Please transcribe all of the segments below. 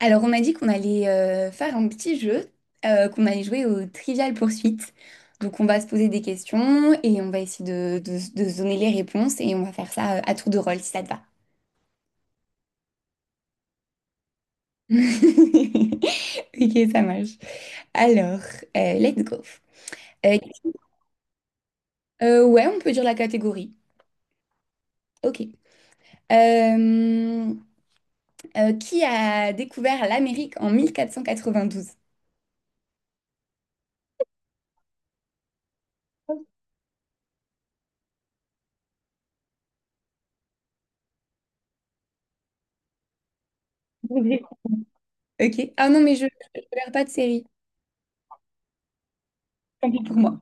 Alors, on m'a dit qu'on allait faire un petit jeu, qu'on allait jouer au Trivial poursuite. Donc, on va se poser des questions et on va essayer de se donner les réponses et on va faire ça à tour de rôle si ça te va. Ok, ça marche. Alors, let's go. Euh, ouais, on peut dire la catégorie. Ok. Euh, qui a découvert l'Amérique en 1492? Ok. Ah non, mais je ne regarde pas de série. Tant pis pour moi.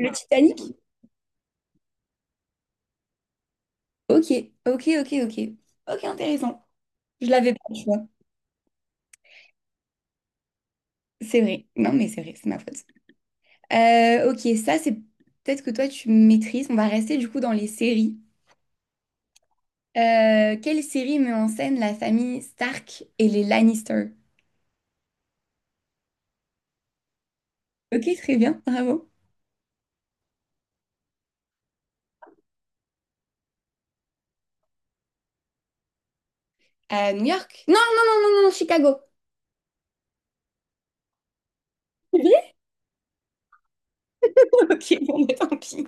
Le Titanic? Ok, ok, ok, ok. Ok, intéressant. Je l'avais pas, tu vois. C'est vrai. Non, mais c'est vrai, c'est ma faute. Ok, ça, c'est peut-être que toi, tu maîtrises. On va rester du coup dans les séries. Quelle série met en scène la famille Stark et les Lannister? Ok, très bien, bravo. New York? Non, non, non, non, non, Chicago. C'est vrai. Ok, bon, bah, tant pis.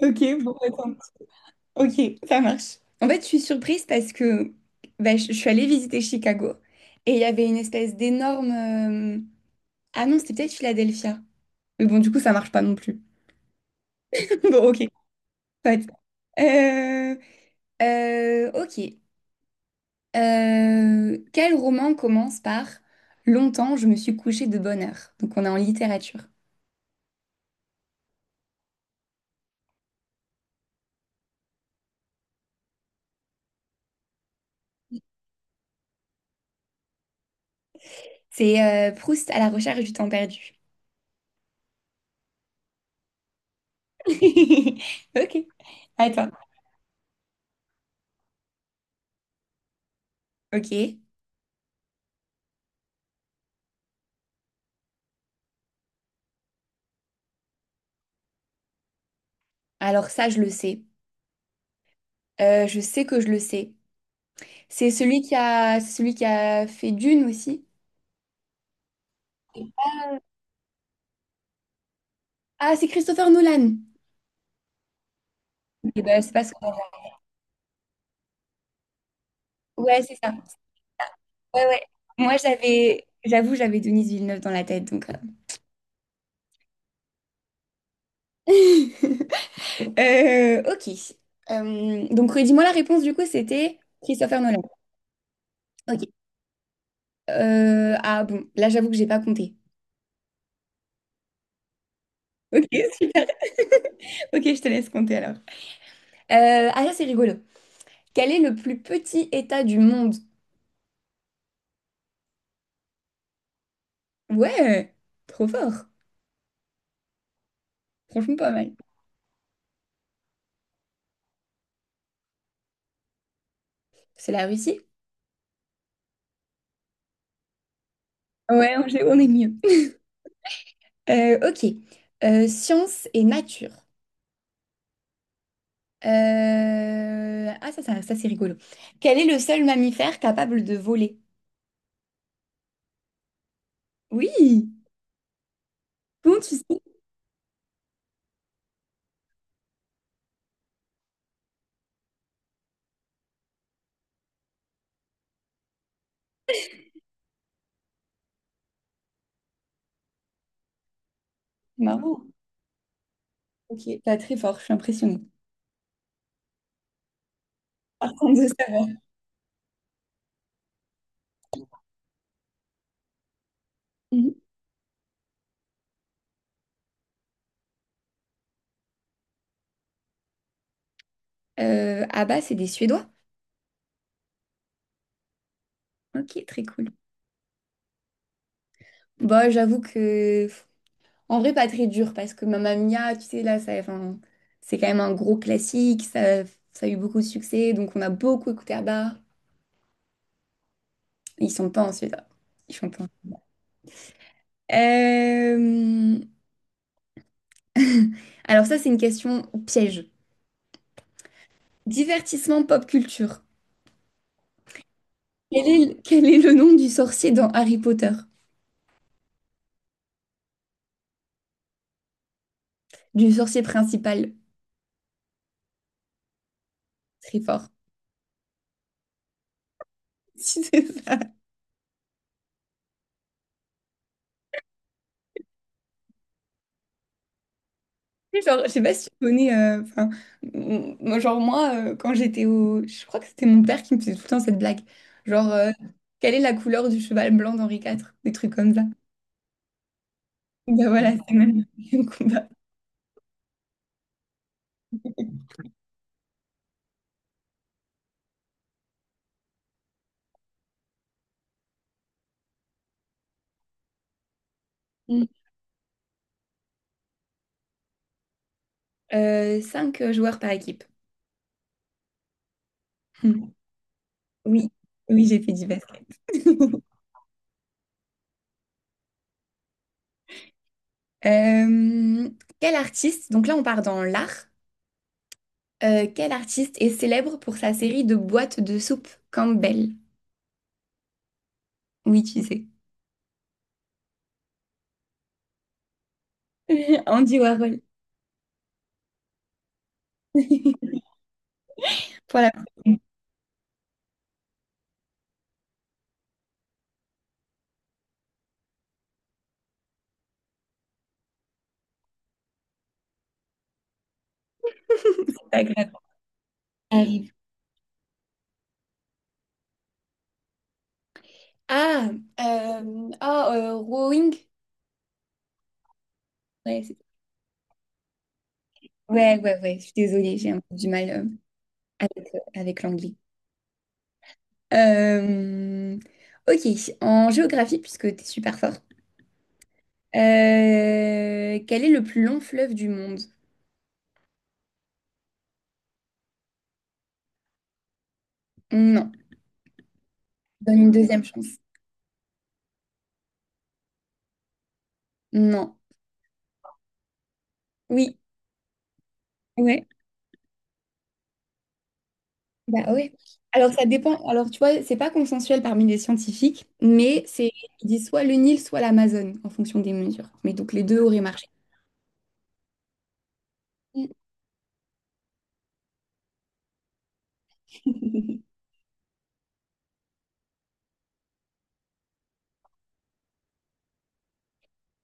Ok, bon, bah, tant pis. Ok, ça marche. En fait, je suis surprise parce que bah, je suis allée visiter Chicago et il y avait une espèce d'énorme. Ah non, c'était peut-être Philadelphia. Mais bon, du coup, ça marche pas non plus. Bon, ok. Soit. Euh, ok. Quel roman commence par Longtemps, je me suis couchée de bonne heure. Donc, on est en littérature. C'est Proust à la recherche du temps perdu. Ok. Attends. Ok. Alors ça, je le sais. Je sais que je le sais. C'est celui qui a fait Dune aussi. Ah, c'est Christopher Nolan. Eh ben, c'est pas ce qu'on a. Ouais, c'est ça. Ouais, ouais. Moi, j'avais, j'avoue, j'avais Denise Villeneuve dans la tête, donc. Ok. Donc, redis-moi la réponse, du coup, c'était Christopher Nolan. Ok. Ah bon, là, j'avoue que j'ai pas compté. Ok, super. Ok, je te laisse compter alors. Ah, ça, c'est rigolo. Quel est le plus petit État du monde? Ouais, trop fort. Franchement, pas mal. C'est la Russie? Ouais, on est mieux. Ok. Science et nature. Ah, ça, c'est rigolo. Quel est le seul mammifère capable de voler? Oui! Comment tu sais? C'est marrant. Ok, pas très fort, je suis impressionnée. Content de savoir. Mhm. Ah bah, c'est des Suédois. Ok, très cool. Bon, j'avoue que. En vrai, pas très dur, parce que Mamma Mia, tu sais, là, ça, enfin, c'est quand même un gros classique, ça a eu beaucoup de succès, donc on a beaucoup écouté à bas. Ils sont pas en Suédois. Ils chantent pas. Euh, Alors ça, c'est une question piège. Divertissement pop culture. Quel est le nom du sorcier dans Harry Potter? Du sorcier principal, très fort. Si c'est ça. Genre, je sais pas si tu connais. Enfin, moi, genre moi, je crois que c'était mon père qui me faisait tout le temps cette blague. Genre, quelle est la couleur du cheval blanc d'Henri IV? Des trucs comme ça. Ben voilà, c'est même le combat. Mm. Cinq joueurs par équipe. Mm. Oui, oui, j'ai fait du basket. Euh, quel artiste, donc là on part dans l'art, quel artiste est célèbre pour sa série de boîtes de soupe Campbell? Oui, tu sais. Andy Warhol. Pour la prochaine, c'est pas grave. Arrive. Ah, ah, Rowing. Ouais, ouais, ouais, ouais, je suis désolée, j'ai un peu du mal avec l'anglais. Euh, ok, en géographie, puisque t'es super fort. Quel est le plus long fleuve du monde? Non. Donne une deuxième chance. Non. Oui. Ouais. Bah ouais. Alors ça dépend. Alors tu vois, c'est pas consensuel parmi les scientifiques, mais c'est ils disent soit le Nil, soit l'Amazone en fonction des mesures. Mais donc les deux auraient marché. Mm.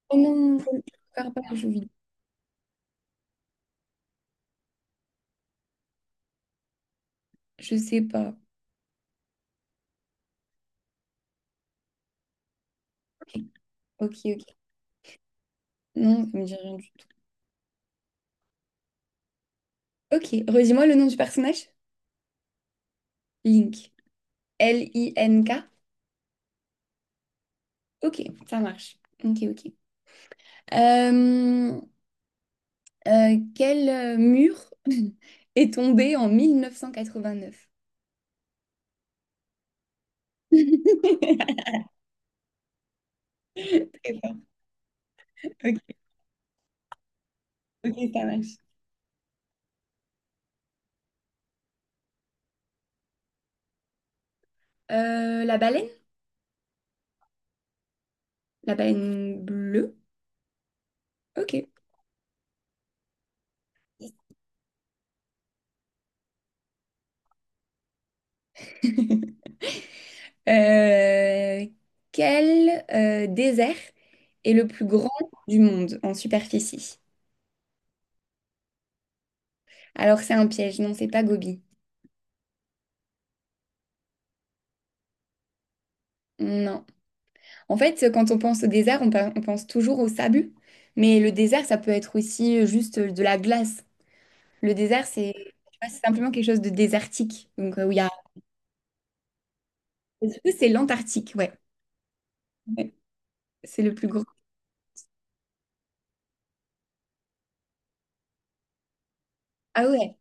Oh non, je préfère pas les jeux vidéo. Je sais pas. Ok, ok. Non, ça me dit rien du tout. Ok, redis-moi le nom du personnage. Link. L-I-N-K. Ok, ça marche. Ok, ok. Euh, quel mur est tombé en 1989. Très fort. Ok. Ok, ça marche. La baleine? La baleine bleue? Ok. Euh, quel désert est le plus grand du monde en superficie? Alors c'est un piège, non, c'est pas Gobi. Non. En fait, quand on pense au désert, on pense toujours au sable, mais le désert, ça peut être aussi juste de la glace. Le désert, c'est tu vois, c'est simplement quelque chose de désertique. Donc, où il y a. C'est l'Antarctique, ouais. Ouais. C'est le plus grand. Ah ouais.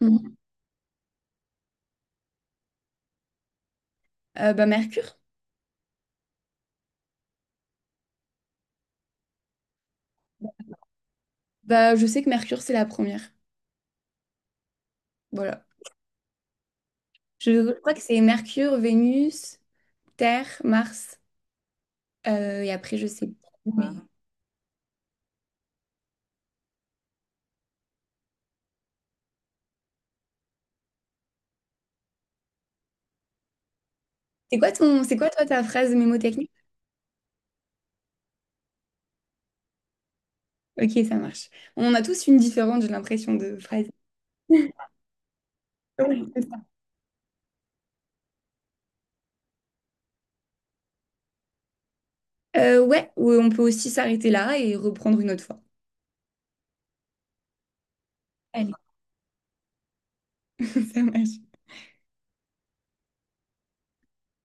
Bon. Bah, Mercure. Bah, je sais que Mercure, c'est la première. Voilà. Je crois que c'est Mercure, Vénus, Terre, Mars. Et après, je sais pas. Mais voilà. C'est quoi toi ta phrase mémotechnique? Ok, ça marche. On a tous une différente, j'ai l'impression, de phrase. Oui, c'est ça. Ouais, ou on peut aussi s'arrêter là et reprendre une autre fois. Allez, ça marche.